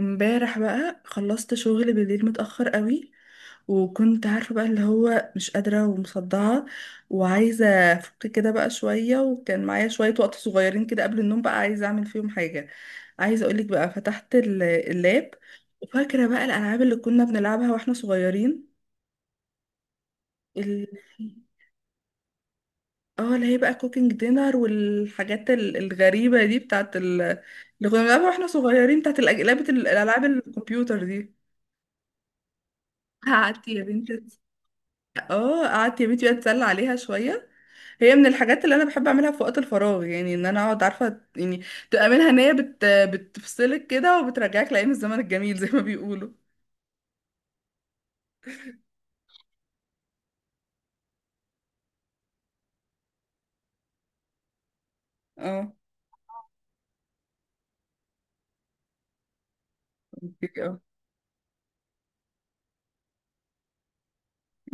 امبارح بقى خلصت شغل بالليل متأخر قوي، وكنت عارفة بقى اللي هو مش قادرة ومصدعة وعايزة أفك كده بقى شوية. وكان معايا شوية وقت صغيرين كده قبل النوم، بقى عايزة أعمل فيهم حاجة. عايزة أقولك بقى فتحت اللاب، وفاكرة بقى الألعاب اللي كنا بنلعبها واحنا صغيرين. ال... اه اللي هي بقى كوكينج دينر والحاجات الغريبة دي بتاعت اللي كنا بنلعبها واحنا صغيرين، بتاعت لعبة الألعاب الكمبيوتر دي. قعدت يا بنتي، اه قعدت يا بنتي بقى اتسلى عليها شويه. هي من الحاجات اللي انا بحب اعملها في وقت الفراغ، يعني ان انا اقعد عارفه يعني تبقى منها ان هي بتفصلك كده وبترجعك لايام الزمن الجميل زي ما بيقولوا. اه اه.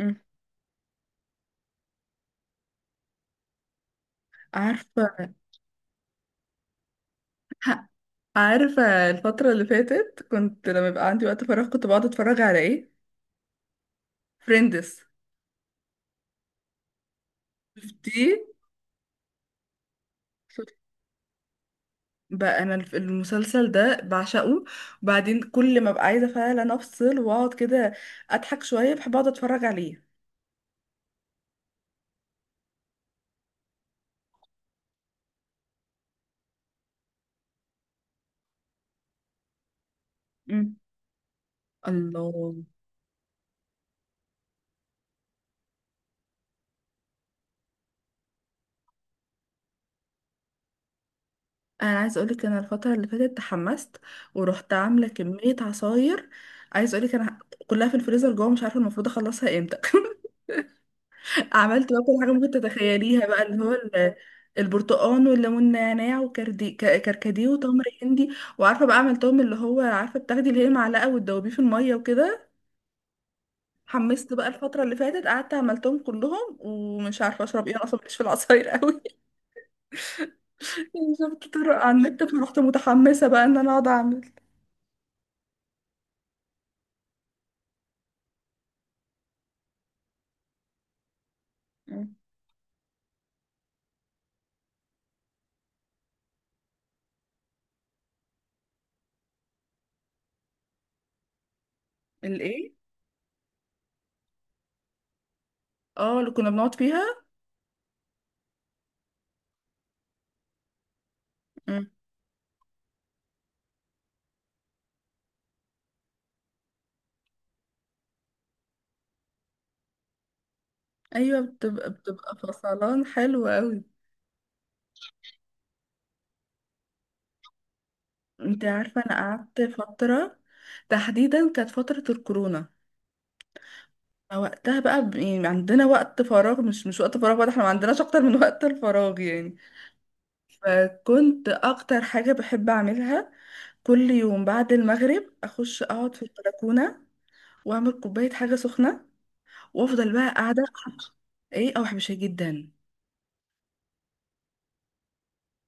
أمم. عارفه، ه- عارفه الفتره اللي فاتت كنت لما يبقى عندي وقت فراغ كنت بقعد اتفرج على ايه؟ فريندس. شفتيه؟ شفت- بقى انا المسلسل ده بعشقه. وبعدين كل ما ببقى عايزه فعلا افصل واقعد كده اضحك شويه بحب اقعد اتفرج عليه. الله، انا عايز اقولك انا الفتره اللي فاتت تحمست ورحت عامله كميه عصاير. عايز اقولك انا كلها في الفريزر جوه، مش عارفه المفروض اخلصها امتى. عملت بقى كل حاجه ممكن تتخيليها بقى اللي هو البرتقال والليمون نعناع وكردي، كركديه، وتمر هندي. وعارفه بقى عملتهم اللي هو عارفه بتاخدي اللي هي معلقه وتدوبيه في الميه وكده. حمست بقى الفتره اللي فاتت قعدت عملتهم كلهم، ومش عارفه اشرب ايه، انا اصلا مش في العصاير قوي. شفت طرق على النت، فرحت متحمسه بقى ان انا اقعد اعمل. مم. الايه؟ اه اللي كنا بنقعد فيها. مم. ايوه، بتبقى فصلان حلو قوي. انت عارفه انا قعدت فتره، تحديدا كانت فتره الكورونا، وقتها بقى يعني عندنا وقت فراغ، مش وقت فراغ بقى ده، احنا ما عندناش اكتر من وقت الفراغ يعني. فكنت اكتر حاجه بحب اعملها كل يوم بعد المغرب اخش اقعد في البلكونه واعمل كوبايه حاجه سخنه وافضل بقى قاعده. ايه، او بشاي جدا.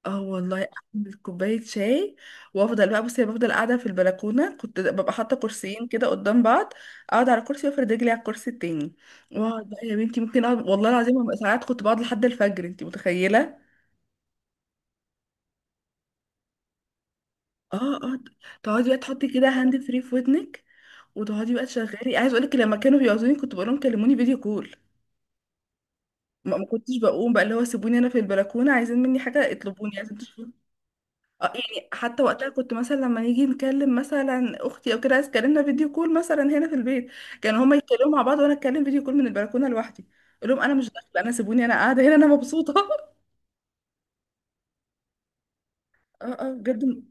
اه والله، اعمل كوبايه شاي وافضل بقى، بصي، بفضل قاعده في البلكونه. كنت ببقى حاطه كرسيين كده قدام بعض، اقعد على كرسي وافرد رجلي على الكرسي التاني. واقعد بقى يا بنتي ممكن اقعد والله العظيم ببقى ساعات، كنت بقعد لحد الفجر، انت متخيله؟ اه اه. تقعدي بقى تحطي كده هاند فري في ودنك وتقعدي بقى تشغلي. عايز اقول لك لما كانوا بيعوزوني كنت بقول لهم كلموني فيديو كول. ما كنتش بقوم بقى، اللي هو سيبوني انا في البلكونه، عايزين مني حاجه اطلبوني، عايزين تشوفوني. يعني حتى وقتها كنت مثلا لما نيجي نكلم مثلا اختي او كده، عايز تكلمنا فيديو كول مثلا هنا في البيت، كانوا هما يتكلموا مع بعض وانا اتكلم فيديو كول من البلكونه لوحدي. اقول لهم انا مش داخله، انا سيبوني، انا قاعده هنا، انا مبسوطه. اه اه بجد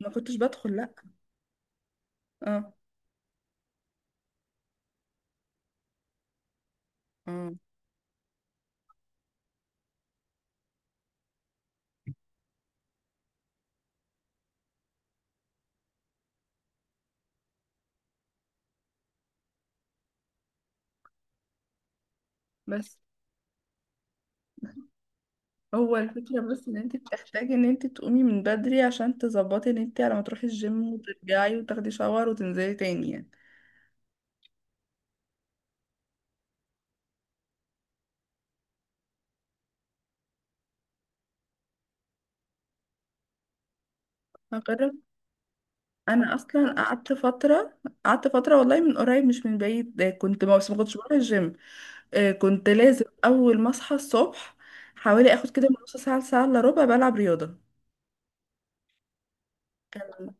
ما كنتش بدخل لا. اه. مم. بس هو الفكره بس ان انت بتحتاجي ان انت تقومي من بدري عشان تظبطي ان انت على ما تروحي الجيم وترجعي وتاخدي شاور وتنزلي تاني يعني. هجرب. انا اصلا قعدت فتره، قعدت فتره والله من قريب مش من بعيد، آه، كنت ما بس ما كنتش بروح الجيم. آه، كنت لازم اول ما اصحى الصبح حوالي اخد كده من نص ساعه لساعه الا ربع بلعب رياضه. كان،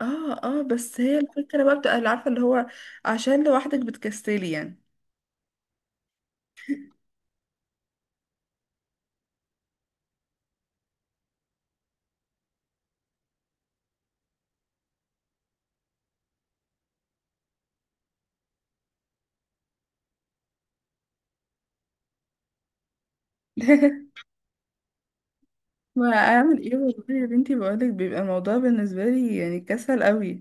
اه اه، بس هي الفكره بقى بتبقى اللي عارفه اللي هو عشان لوحدك بتكسلي يعني. ما اعمل ايه والله يا بنتي، بقولك بيبقى الموضوع بالنسبه لي يعني كسل قوي.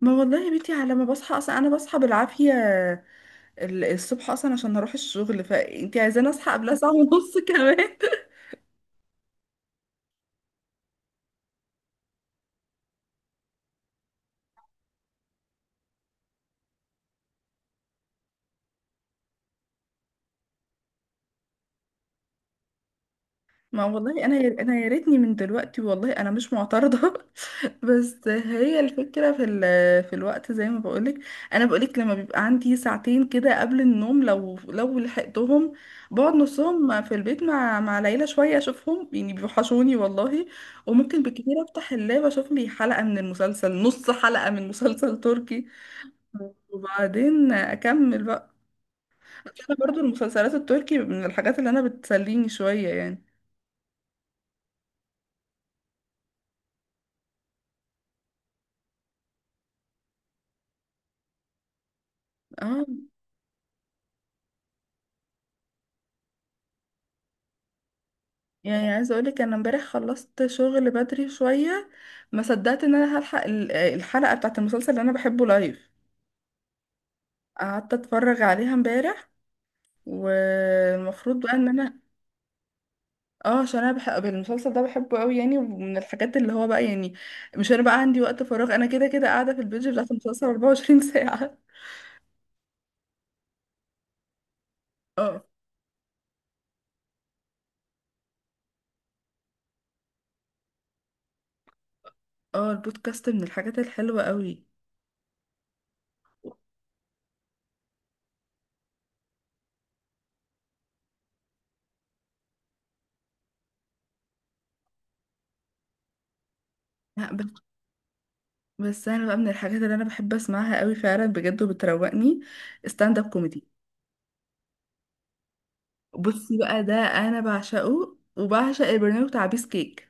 ما والله يا بنتي على ما بصحى اصلا انا بصحى بالعافيه الصبح اصلا عشان اروح الشغل، فانتي عايزاني اصحى قبلها ساعه ونص كمان؟ ما والله انا انا يا ريتني من دلوقتي، والله انا مش معترضه. بس هي الفكره في في الوقت زي ما بقولك. انا بقولك لما بيبقى عندي ساعتين كده قبل النوم، لو لحقتهم بقعد نصهم في البيت مع العيله شويه اشوفهم يعني، بيوحشوني والله. وممكن بالكتير افتح اللاب اشوف لي حلقه من المسلسل، نص حلقه من مسلسل تركي، وبعدين اكمل بقى. انا برضو المسلسلات التركي من الحاجات اللي انا بتسليني شوية يعني. اه. يعني عايزة اقولك انا امبارح خلصت شغل بدري شوية، ما صدقت ان انا هلحق الحلقة بتاعت المسلسل اللي انا بحبه لايف. قعدت اتفرج عليها امبارح، والمفروض بقى ان انا. اه، عشان انا بحب المسلسل ده بحبه قوي يعني، ومن الحاجات اللي هو بقى يعني مش انا بقى عندي وقت فراغ، انا كده كده قاعدة في البيج بتاعت المسلسل 24 ساعة. اه اه. البودكاست من الحاجات الحلوة قوي. بس انا بقى من الحاجات اللي انا بحب اسمعها قوي فعلا بجد وبتروقني ستاند اب كوميدي. بصي بقى ده انا بعشقه، وبعشق البرنامج بتاع بيس كيك.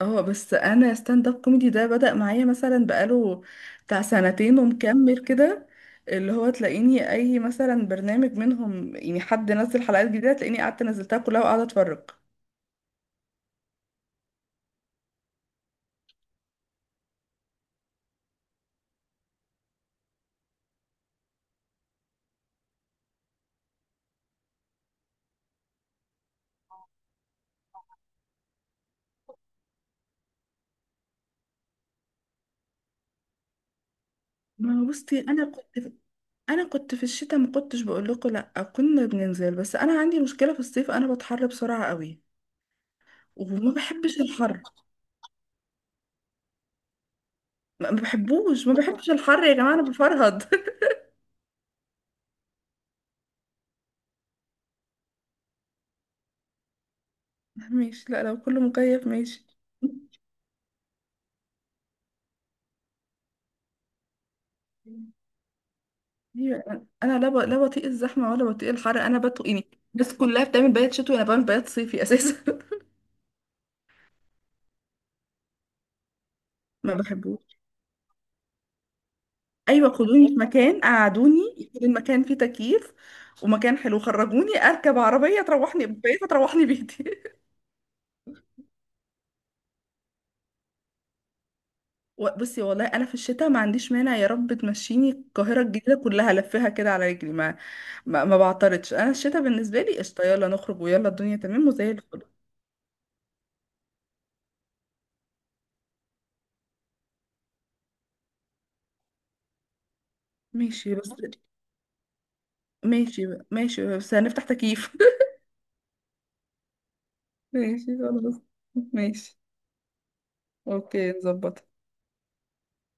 اه، بس انا ستاند اب كوميدي ده بدأ معايا مثلا بقاله بتاع سنتين ومكمل كده، اللي هو تلاقيني اي مثلا برنامج منهم يعني حد نزل حلقات جديده تلاقيني قعدت نزلتها كلها وقاعده اتفرج. ما هو بصي انا كنت في، انا كنت في الشتاء ما كنتش بقول لكم لا كنا بننزل، بس انا عندي مشكله في الصيف انا بتحر بسرعه قوي وما بحبش الحر. ما بحبوش، ما بحبش الحر يا جماعة انا بفرهد. ماشي، لا لو كله مكيف ماشي. ايوه انا، لا لا بطيق الزحمة ولا بطيق الحر، انا بطيق يعني. الناس كلها بتعمل بيات شتوي انا بعمل بيات صيفي اساسا. ما بحبوش. ايوه خدوني في مكان، قعدوني يكون المكان فيه تكييف ومكان حلو، خرجوني اركب عربية تروحني بيت تروحني بيتي. بصي والله انا في الشتاء ما عنديش مانع يا رب تمشيني القاهره الجديده كلها لفها كده على رجلي، ما بعترضش، انا الشتاء بالنسبه لي قشطه، يلا نخرج ويلا الدنيا تمام وزي الفل. ماشي بس. ماشي. ماشي بس هنفتح تكييف. ماشي خلاص. ماشي. اوكي نظبط.